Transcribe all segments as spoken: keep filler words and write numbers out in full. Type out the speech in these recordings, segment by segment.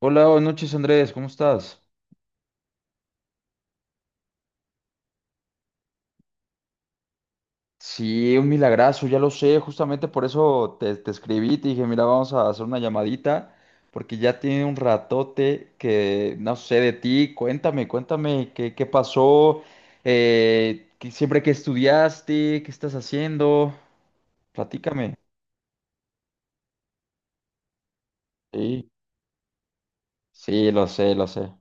Hola, buenas noches Andrés, ¿cómo estás? Sí, un milagrazo, ya lo sé, justamente por eso te, te escribí, te dije, mira, vamos a hacer una llamadita, porque ya tiene un ratote que no sé de ti, cuéntame, cuéntame qué, qué pasó, eh, que siempre que estudiaste, qué estás haciendo, platícame. Sí, sí, lo sé, lo sé.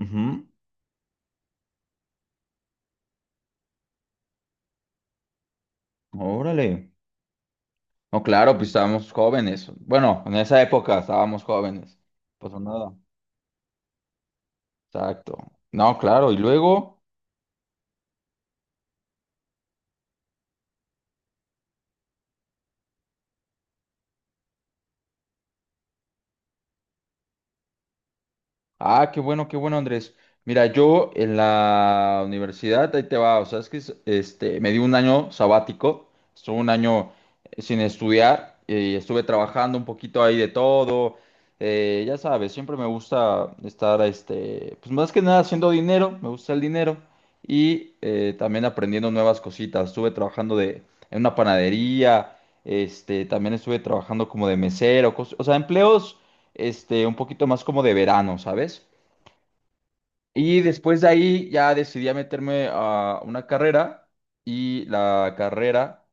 Ujú. Órale. No, claro, pues estábamos jóvenes. Bueno, en esa época estábamos jóvenes. Pues nada. Exacto. No, claro. Y luego, ah, qué bueno, qué bueno, Andrés. Mira, yo en la universidad, ahí te va, o sea, es que es- este, me di un año sabático, estuve un año eh, sin estudiar y estuve trabajando un poquito ahí de todo. Eh, ya sabes, siempre me gusta estar, este, pues más que nada haciendo dinero, me gusta el dinero y eh, también aprendiendo nuevas cositas. Estuve trabajando de, en una panadería, este, también estuve trabajando como de mesero, cos- o sea, empleos este, un poquito más como de verano, ¿sabes? Y después de ahí ya decidí a meterme a una carrera y la carrera,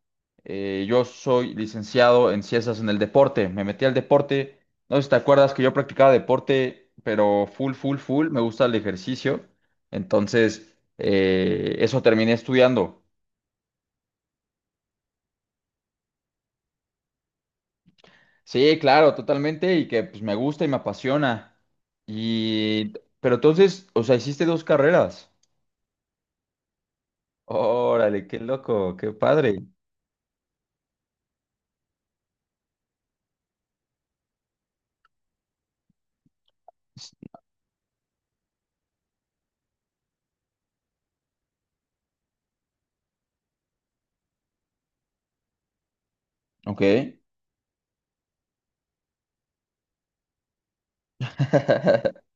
eh, yo soy licenciado en ciencias en el deporte, me metí al deporte, no sé si te acuerdas que yo practicaba deporte, pero full, full, full, me gusta el ejercicio, entonces eh, eso terminé estudiando. Sí, claro, totalmente, y que pues me gusta y me apasiona. Y, pero entonces, o sea, hiciste dos carreras. Órale, qué loco, qué padre. Ok.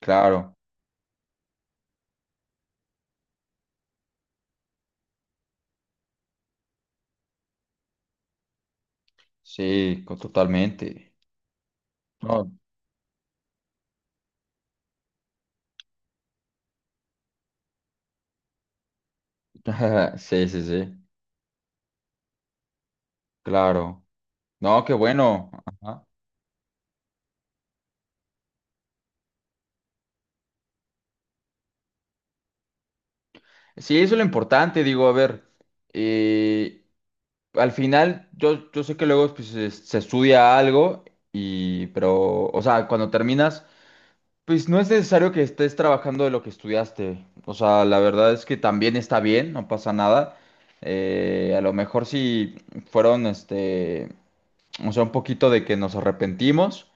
Claro, sí, co- totalmente. No, sí, sí, sí, claro. No, qué bueno. Ajá. Sí, eso es lo importante, digo, a ver, eh, al final yo, yo sé que luego pues, se, se estudia algo y, pero, o sea, cuando terminas pues no es necesario que estés trabajando de lo que estudiaste. O sea, la verdad es que también está bien, no pasa nada. Eh, a lo mejor si fueron, este, o sea, un poquito de que nos arrepentimos,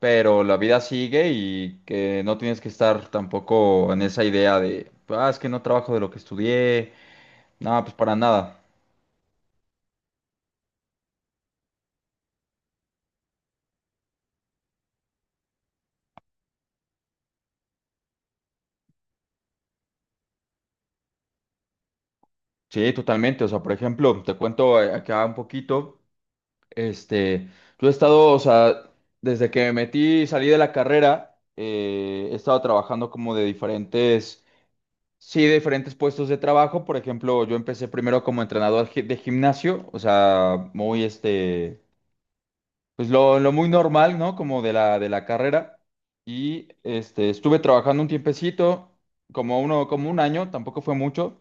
pero la vida sigue y que no tienes que estar tampoco en esa idea de, ah, es que no trabajo de lo que estudié. No, pues para nada. Sí, totalmente. O sea, por ejemplo, te cuento eh, acá un poquito. Este, yo he estado, o sea, desde que me metí y salí de la carrera, eh, he estado trabajando como de diferentes, sí, de diferentes puestos de trabajo. Por ejemplo, yo empecé primero como entrenador gi- de gimnasio, o sea, muy, este, pues lo, lo muy normal, ¿no? Como de la, de la carrera. Y, este, estuve trabajando un tiempecito, como uno, como un año, tampoco fue mucho.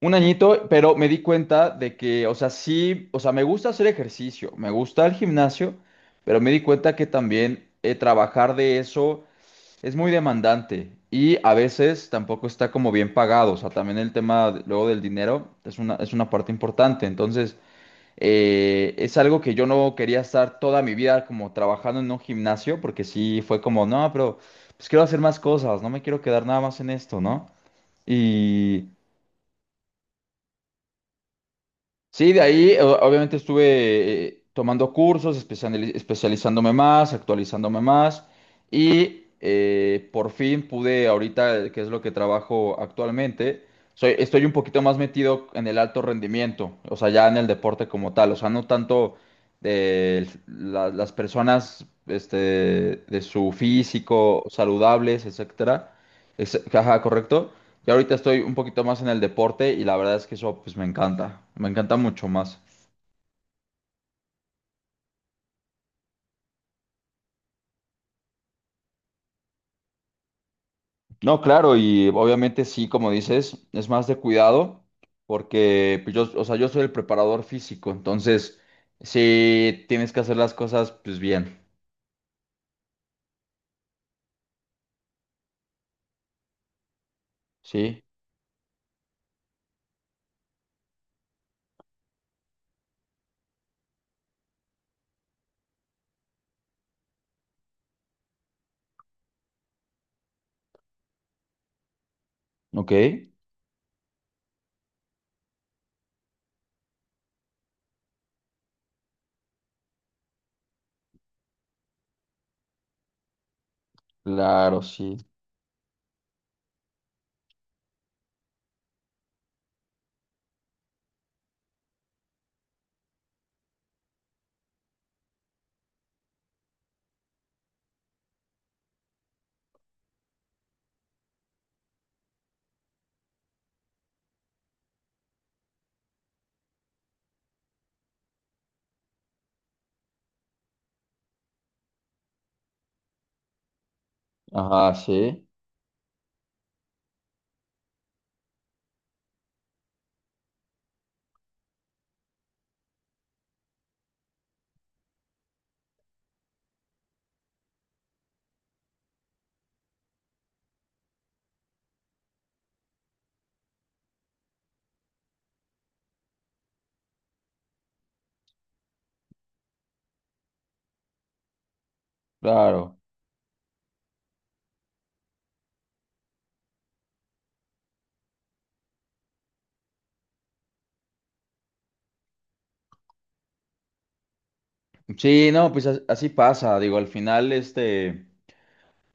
Un añito, pero me di cuenta de que, o sea, sí, o sea, me gusta hacer ejercicio, me gusta el gimnasio, pero me di cuenta que también eh, trabajar de eso es muy demandante y a veces tampoco está como bien pagado, o sea, también el tema de- luego del dinero es una, es una parte importante, entonces eh, es algo que yo no quería estar toda mi vida como trabajando en un gimnasio, porque sí fue como, no, pero pues quiero hacer más cosas, no me quiero quedar nada más en esto, ¿no? Sí, de ahí o- obviamente estuve eh, tomando cursos, especiali- especializándome más, actualizándome más y eh, por fin pude ahorita, eh, que es lo que trabajo actualmente, soy, estoy un poquito más metido en el alto rendimiento, o sea, ya en el deporte como tal, o sea, no tanto de la- las personas este, de su físico saludables, etcétera. Es- ajá, correcto. Yo ahorita estoy un poquito más en el deporte y la verdad es que eso pues me encanta, me encanta mucho más. No, claro, y obviamente sí, como dices, es más de cuidado porque pues, yo, o sea, yo soy el preparador físico, entonces sí tienes que hacer las cosas pues bien, ¿sí? Ok, claro, sí. Ajá, sí, claro. Sí, no, pues as- así pasa, digo, al final este…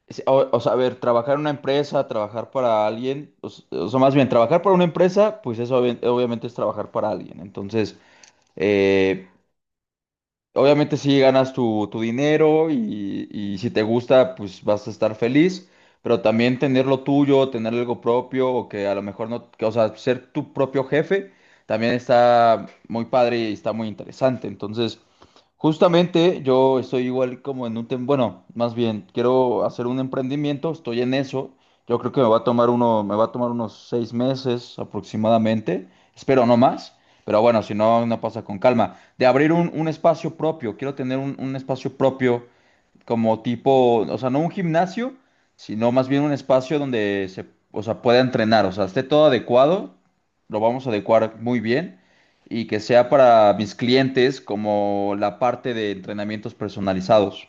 Sí, O, o sea, a ver, trabajar en una empresa, trabajar para alguien, o, s- o sea, más bien, trabajar para una empresa, pues eso obvi- obviamente es trabajar para alguien. Entonces, eh, obviamente si ganas tu, tu dinero y, y si te gusta, pues vas a estar feliz, pero también tener lo tuyo, tener algo propio, o que a lo mejor no, que, o sea, ser tu propio jefe, también está muy padre y está muy interesante. Entonces, justamente yo estoy igual como en un tema, bueno, más bien, quiero hacer un emprendimiento, estoy en eso. Yo creo que me va a tomar uno, me va a tomar unos seis meses aproximadamente, espero no más, pero bueno, si no, no pasa con calma. De abrir un, un espacio propio, quiero tener un, un espacio propio como tipo, o sea, no un gimnasio, sino más bien un espacio donde se, o sea, pueda entrenar, o sea, esté todo adecuado, lo vamos a adecuar muy bien y que sea para mis clientes como la parte de entrenamientos personalizados.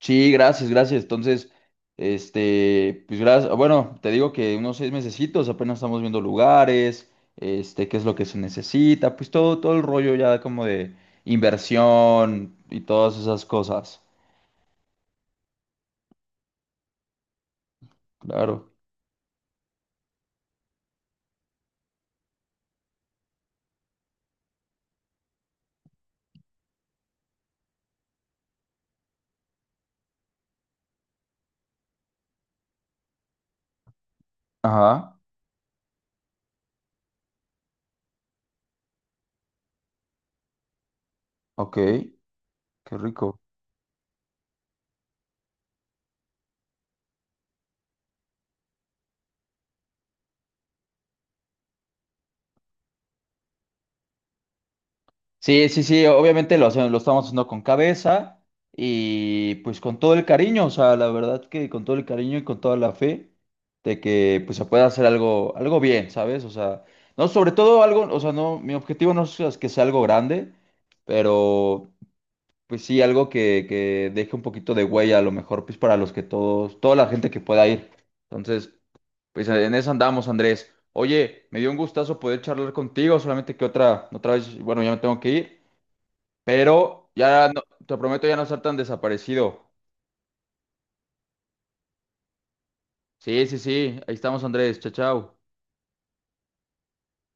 Sí, gracias, gracias. Entonces, este, pues gracias. Bueno, te digo que unos seis mesecitos apenas estamos viendo lugares, este, qué es lo que se necesita, pues todo, todo el rollo ya como de inversión y todas esas cosas. Claro. Ajá, ok, qué rico. Sí, sí, sí, obviamente lo hacemos, lo estamos haciendo con cabeza y pues con todo el cariño, o sea, la verdad que con todo el cariño y con toda la fe de que pues se pueda hacer algo, algo bien, ¿sabes? O sea, no, sobre todo algo, o sea, no, mi objetivo no es que sea algo grande, pero pues sí, algo que, que deje un poquito de huella a lo mejor, pues para los que todos, toda la gente que pueda ir. Entonces, pues eh, en eso andamos, Andrés. Oye, me dio un gustazo poder charlar contigo, solamente que otra, otra vez, bueno, ya me tengo que ir, pero ya no- te prometo ya no estar tan desaparecido. Sí, sí, sí, ahí estamos, Andrés. Chao, chao.